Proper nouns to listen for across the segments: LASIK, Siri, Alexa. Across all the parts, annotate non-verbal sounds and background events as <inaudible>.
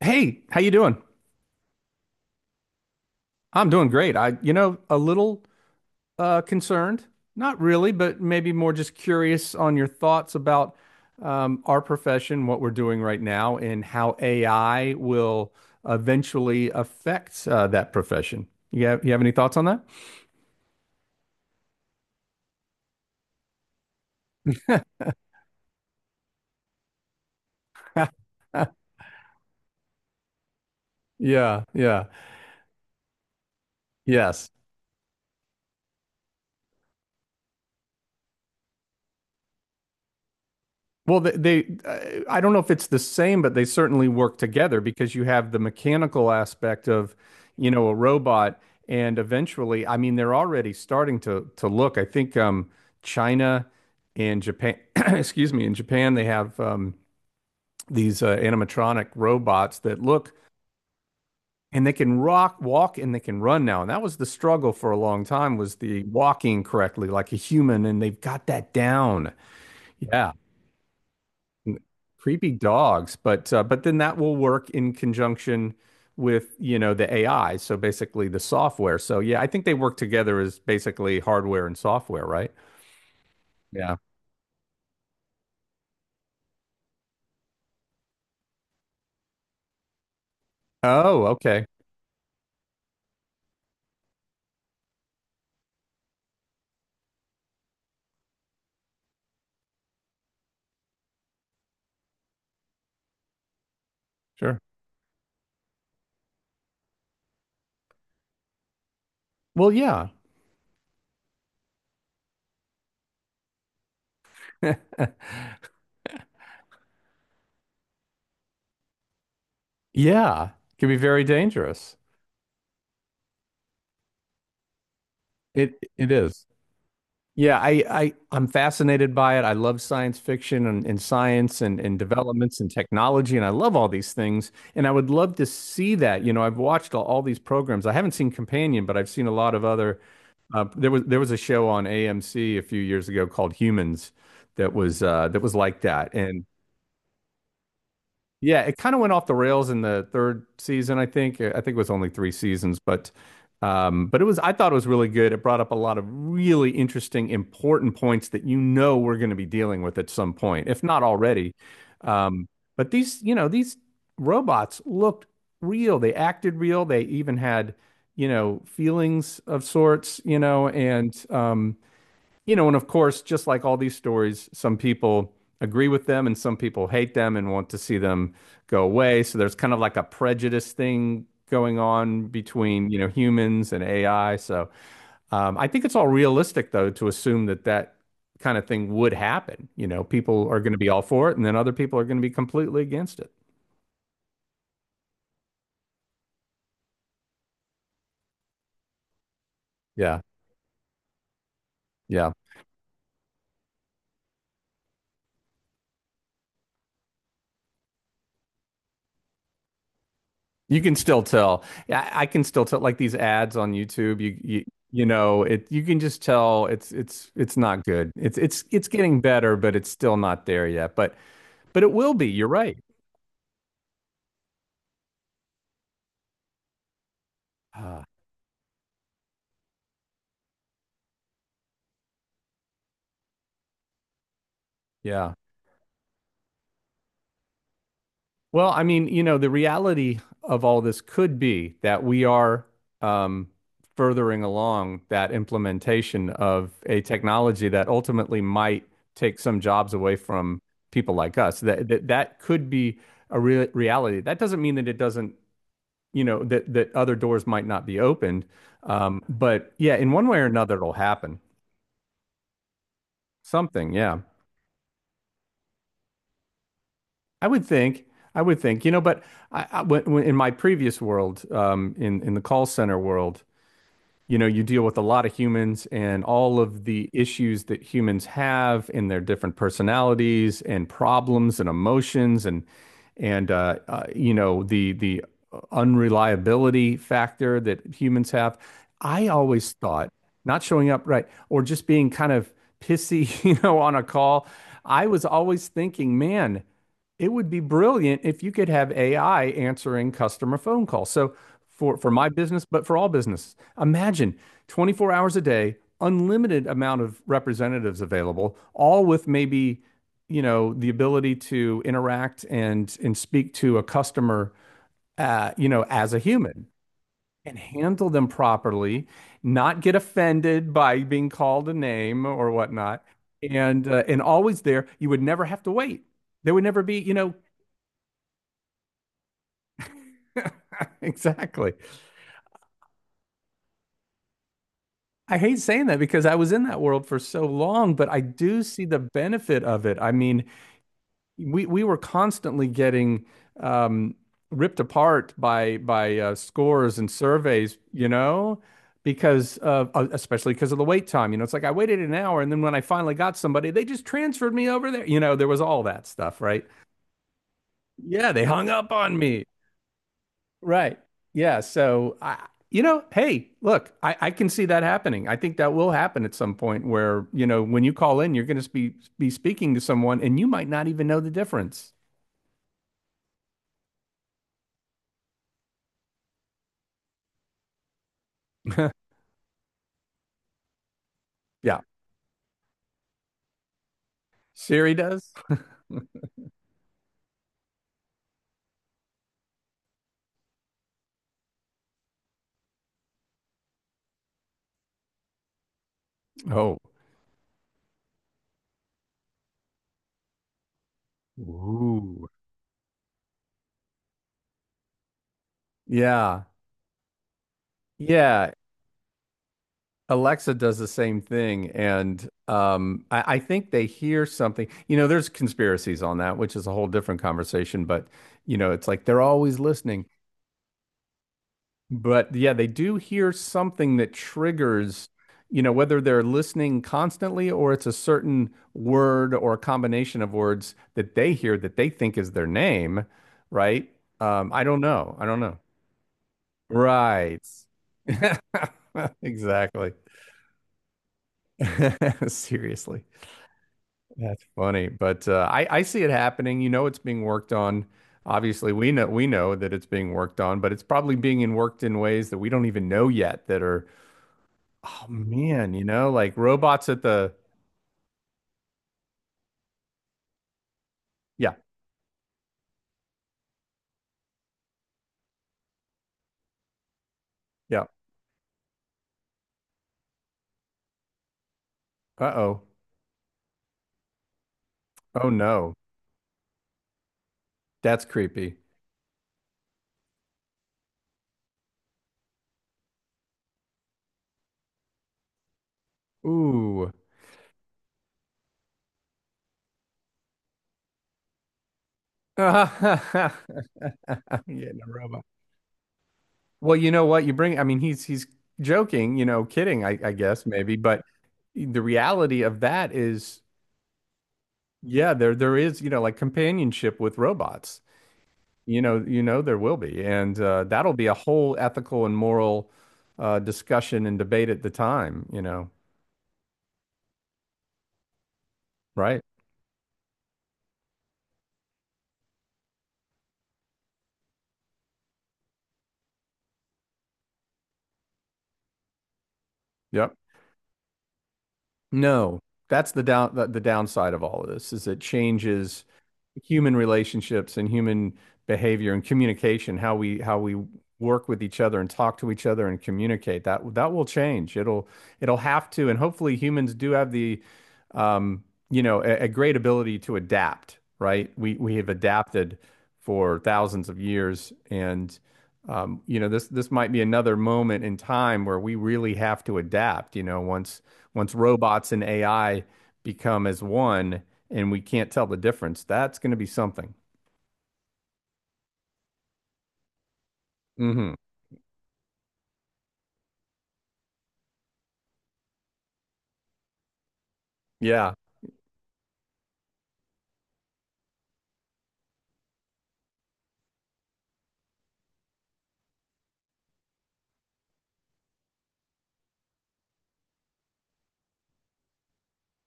Hey, how you doing? I'm doing great. I, a little concerned. Not really, but maybe more just curious on your thoughts about our profession, what we're doing right now, and how AI will eventually affect that profession. You have any thoughts on that? Yeah, yeah, yes. Well, they I don't know if it's the same, but they certainly work together because you have the mechanical aspect of, you know, a robot, and eventually, I mean, they're already starting to look. I think China and Japan, <clears throat> excuse me, in Japan they have these animatronic robots that look and they can rock, walk, and they can run now. And that was the struggle for a long time was the walking correctly like a human, and they've got that down. Yeah. Creepy dogs, but then that will work in conjunction with, you know, the AI, so basically the software. So yeah, I think they work together as basically hardware and software, right? Yeah. Oh, okay. Sure. Well, yeah. <laughs> Yeah, can be very dangerous. It is. Yeah, I'm fascinated by it. I love science fiction and science and developments and technology, and I love all these things. And I would love to see that. You know, I've watched all these programs. I haven't seen Companion, but I've seen a lot of other. There was a show on AMC a few years ago called Humans that was like that. And yeah, it kind of went off the rails in the third season, I think. I think it was only three seasons, but it was I thought it was really good. It brought up a lot of really interesting, important points that you know we're going to be dealing with at some point, if not already. Um, but these, you know, these robots looked real. They acted real. They even had, you know, feelings of sorts, you know, and of course, just like all these stories, some people agree with them and some people hate them and want to see them go away. So there's kind of like a prejudice thing going on between, you know, humans and AI. So I think it's all realistic, though, to assume that kind of thing would happen. You know, people are going to be all for it and then other people are going to be completely against it. Yeah. Yeah. You can still tell. Yeah, I can still tell like these ads on YouTube, it you can just tell it's not good. It's getting better, but it's still not there yet. But it will be. You're right. Ah, yeah. Well, I mean, you know, the reality of all this could be that we are um, furthering along that implementation of a technology that ultimately might take some jobs away from people like us. That could be a real reality. That doesn't mean that it doesn't, you know, that that other doors might not be opened. But yeah, in one way or another, it'll happen. Something, yeah. I would think. I would think, you know, but in my previous world, in the call center world, you know you deal with a lot of humans and all of the issues that humans have in their different personalities and problems and emotions and you know the unreliability factor that humans have. I always thought not showing up right or just being kind of pissy <laughs> you know on a call. I was always thinking, man, it would be brilliant if you could have AI answering customer phone calls, so for my business but for all businesses. Imagine 24 hours a day, unlimited amount of representatives available, all with maybe, you know, the ability to interact and speak to a customer, you know, as a human and handle them properly, not get offended by being called a name or whatnot, and always there. You would never have to wait. There would never be, you know, <laughs> exactly. I hate saying that because I was in that world for so long, but I do see the benefit of it. I mean, we were constantly getting um, ripped apart by scores and surveys, you know, because of especially because of the wait time. You know, it's like I waited an hour, and then when I finally got somebody, they just transferred me over there. You know, there was all that stuff, right? Yeah, they hung up on me, right? Yeah, so I. You know, hey, look, I can see that happening. I think that will happen at some point where, you know, when you call in, you're going to be speaking to someone and you might not even know the difference. <laughs> Yeah. Siri does? <laughs> Oh, Ooh. Yeah. Yeah. Alexa does the same thing. And I think they hear something. You know, there's conspiracies on that, which is a whole different conversation. But, you know, it's like they're always listening. But yeah, they do hear something that triggers, you know, whether they're listening constantly or it's a certain word or a combination of words that they hear that they think is their name, right? I don't know. I don't know. Right. <laughs> Exactly. <laughs> Seriously. That's funny. But I see it happening. You know it's being worked on. Obviously, we know that it's being worked on, but it's probably being in worked in ways that we don't even know yet that are, oh man, you know, like robots at the yeah, yeah. Uh-oh. Oh no. That's creepy. Ooh. <laughs> Yeah, no robot. Well, you know what? You bring, I mean, he's joking, you know, kidding, I guess maybe, but the reality of that is, yeah, there is, you know, like companionship with robots. You know there will be, and that'll be a whole ethical and moral discussion and debate at the time. You know, right? Yep. No, that's the downside of all of this is it changes human relationships and human behavior and communication, how we work with each other and talk to each other and communicate. That will change. It'll it'll have to, and hopefully humans do have the um, you know, a great ability to adapt, right? We have adapted for thousands of years and you know, this might be another moment in time where we really have to adapt, you know, once robots and AI become as one, and we can't tell the difference, that's going to be something. Mm-hmm. Yeah.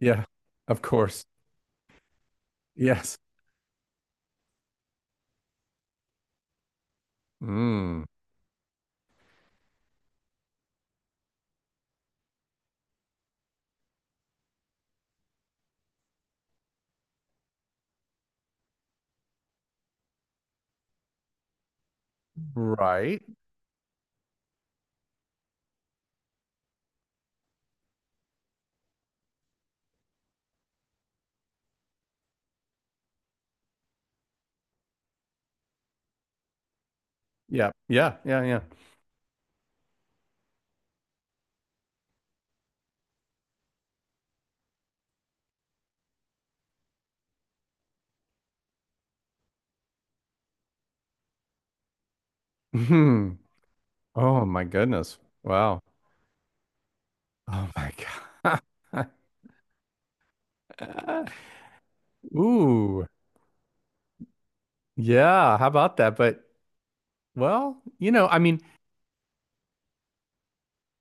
Yeah. Of course. Yes. Mm. Right. Yeah. Yeah. Yeah. Yeah. Hmm. Oh my goodness. Wow. Oh my God. <laughs> Ooh. Yeah. How about that? But well, you know, I mean,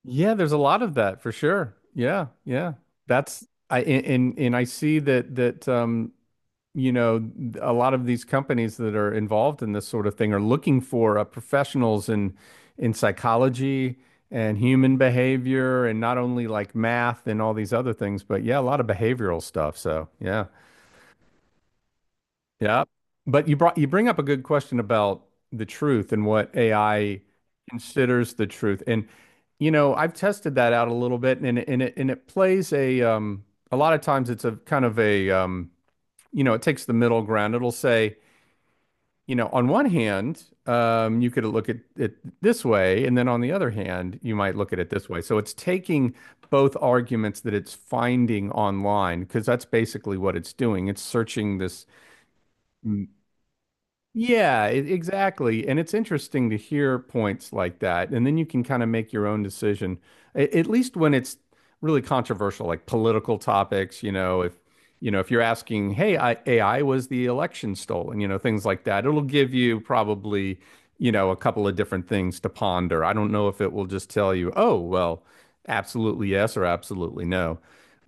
yeah, there's a lot of that for sure. Yeah. Yeah. That's I and I see that you know, a lot of these companies that are involved in this sort of thing are looking for professionals in psychology and human behavior and not only like math and all these other things, but yeah, a lot of behavioral stuff. So yeah, yeah. But you bring up a good question about the truth and what AI considers the truth. And you know, I've tested that out a little bit, and it- and it and it plays a lot of times it's a kind of a you know it takes the middle ground. It'll say, you know, on one hand, you could look at it this way, and then on the other hand, you might look at it this way. So it's taking both arguments that it's finding online, because that's basically what it's doing. It's searching this yeah, exactly. And it's interesting to hear points like that. And then you can kind of make your own decision, at least when it's really controversial, like political topics, you know, if you're asking, hey, AI was the election stolen, you know, things like that, it'll give you probably, you know, a couple of different things to ponder. I don't know if it will just tell you, oh, well, absolutely yes or absolutely no.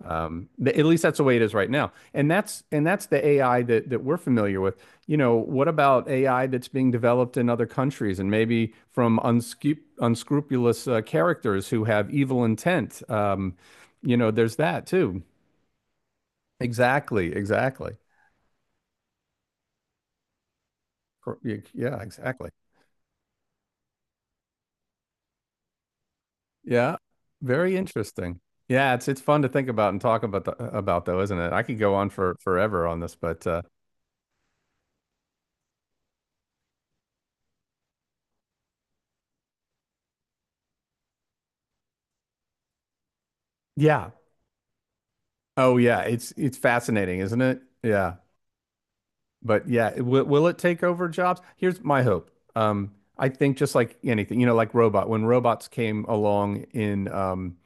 At least that's the way it is right now. And that's the AI that we're familiar with. You know, what about AI that's being developed in other countries and maybe from unscrupulous characters who have evil intent? You know, there's that too. Exactly, exactly. Yeah, exactly. Yeah, very interesting. Yeah, it's fun to think about and talk about about though, isn't it? I could go on for forever on this, but yeah. Oh yeah, it's fascinating, isn't it? Yeah. But yeah, will it take over jobs? Here's my hope. I think just like anything, you know, when robots came along in,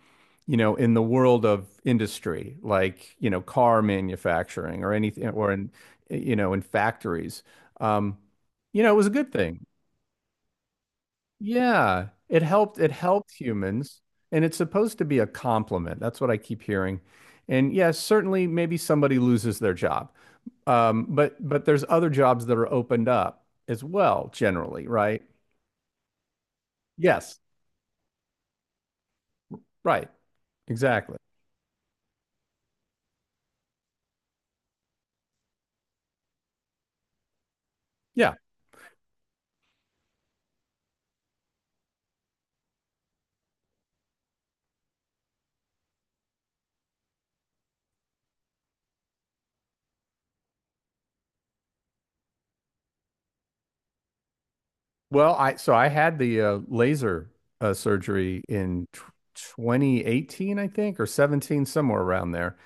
you know, in the world of industry, like, you know, car manufacturing or anything, or in, you know, in factories, um, you know, it was a good thing. Yeah, it helped. It helped humans, and it's supposed to be a compliment. That's what I keep hearing. And yes, certainly, maybe somebody loses their job. But there's other jobs that are opened up as well, generally, right? Yes, right, exactly. Yeah. Well, I had the laser surgery in t 2018, I think, or 17, somewhere around there.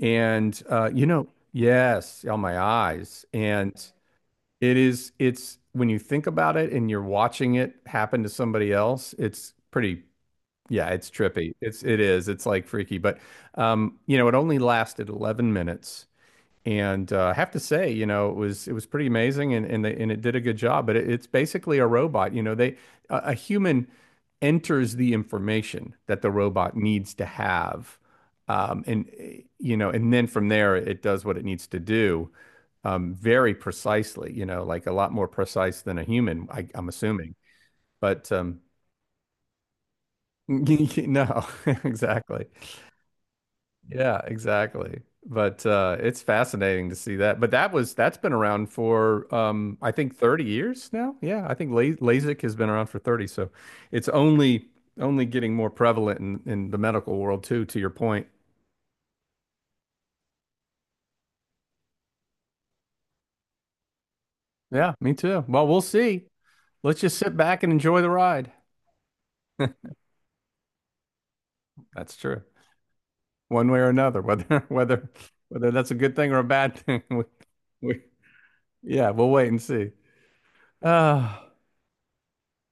And you know, yes, on my eyes. And it is it's when you think about it and you're watching it happen to somebody else, it's pretty Yeah, it's trippy. It's it is. It's like freaky, but you know, it only lasted 11 minutes. And I have to say, you know, it was pretty amazing, and it did a good job. But it, it's basically a robot. You know, they a human enters the information that the robot needs to have, you know, and then from there it does what it needs to do, very precisely. You know, like a lot more precise than a human, I'm assuming. But <laughs> no, <laughs> exactly. Yeah, exactly. But it's fascinating to see that. But that's been around for I think 30 years now. Yeah, I think La LASIK has been around for 30. So it's only only getting more prevalent in the medical world too, to your point. Yeah, me too. Well, we'll see. Let's just sit back and enjoy the ride. That's true. One way or another, whether <laughs> whether whether that's a good thing or a bad thing. <laughs> We, we, yeah, we'll wait and see. <sighs> Uh,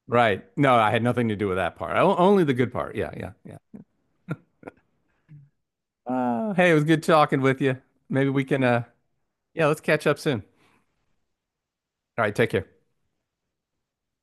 right. No, I had nothing to do with that part. Only the good part. Yeah, yeah. Yeah. Hey, it was good talking with you. Maybe we can, yeah, let's catch up soon. All right, take care.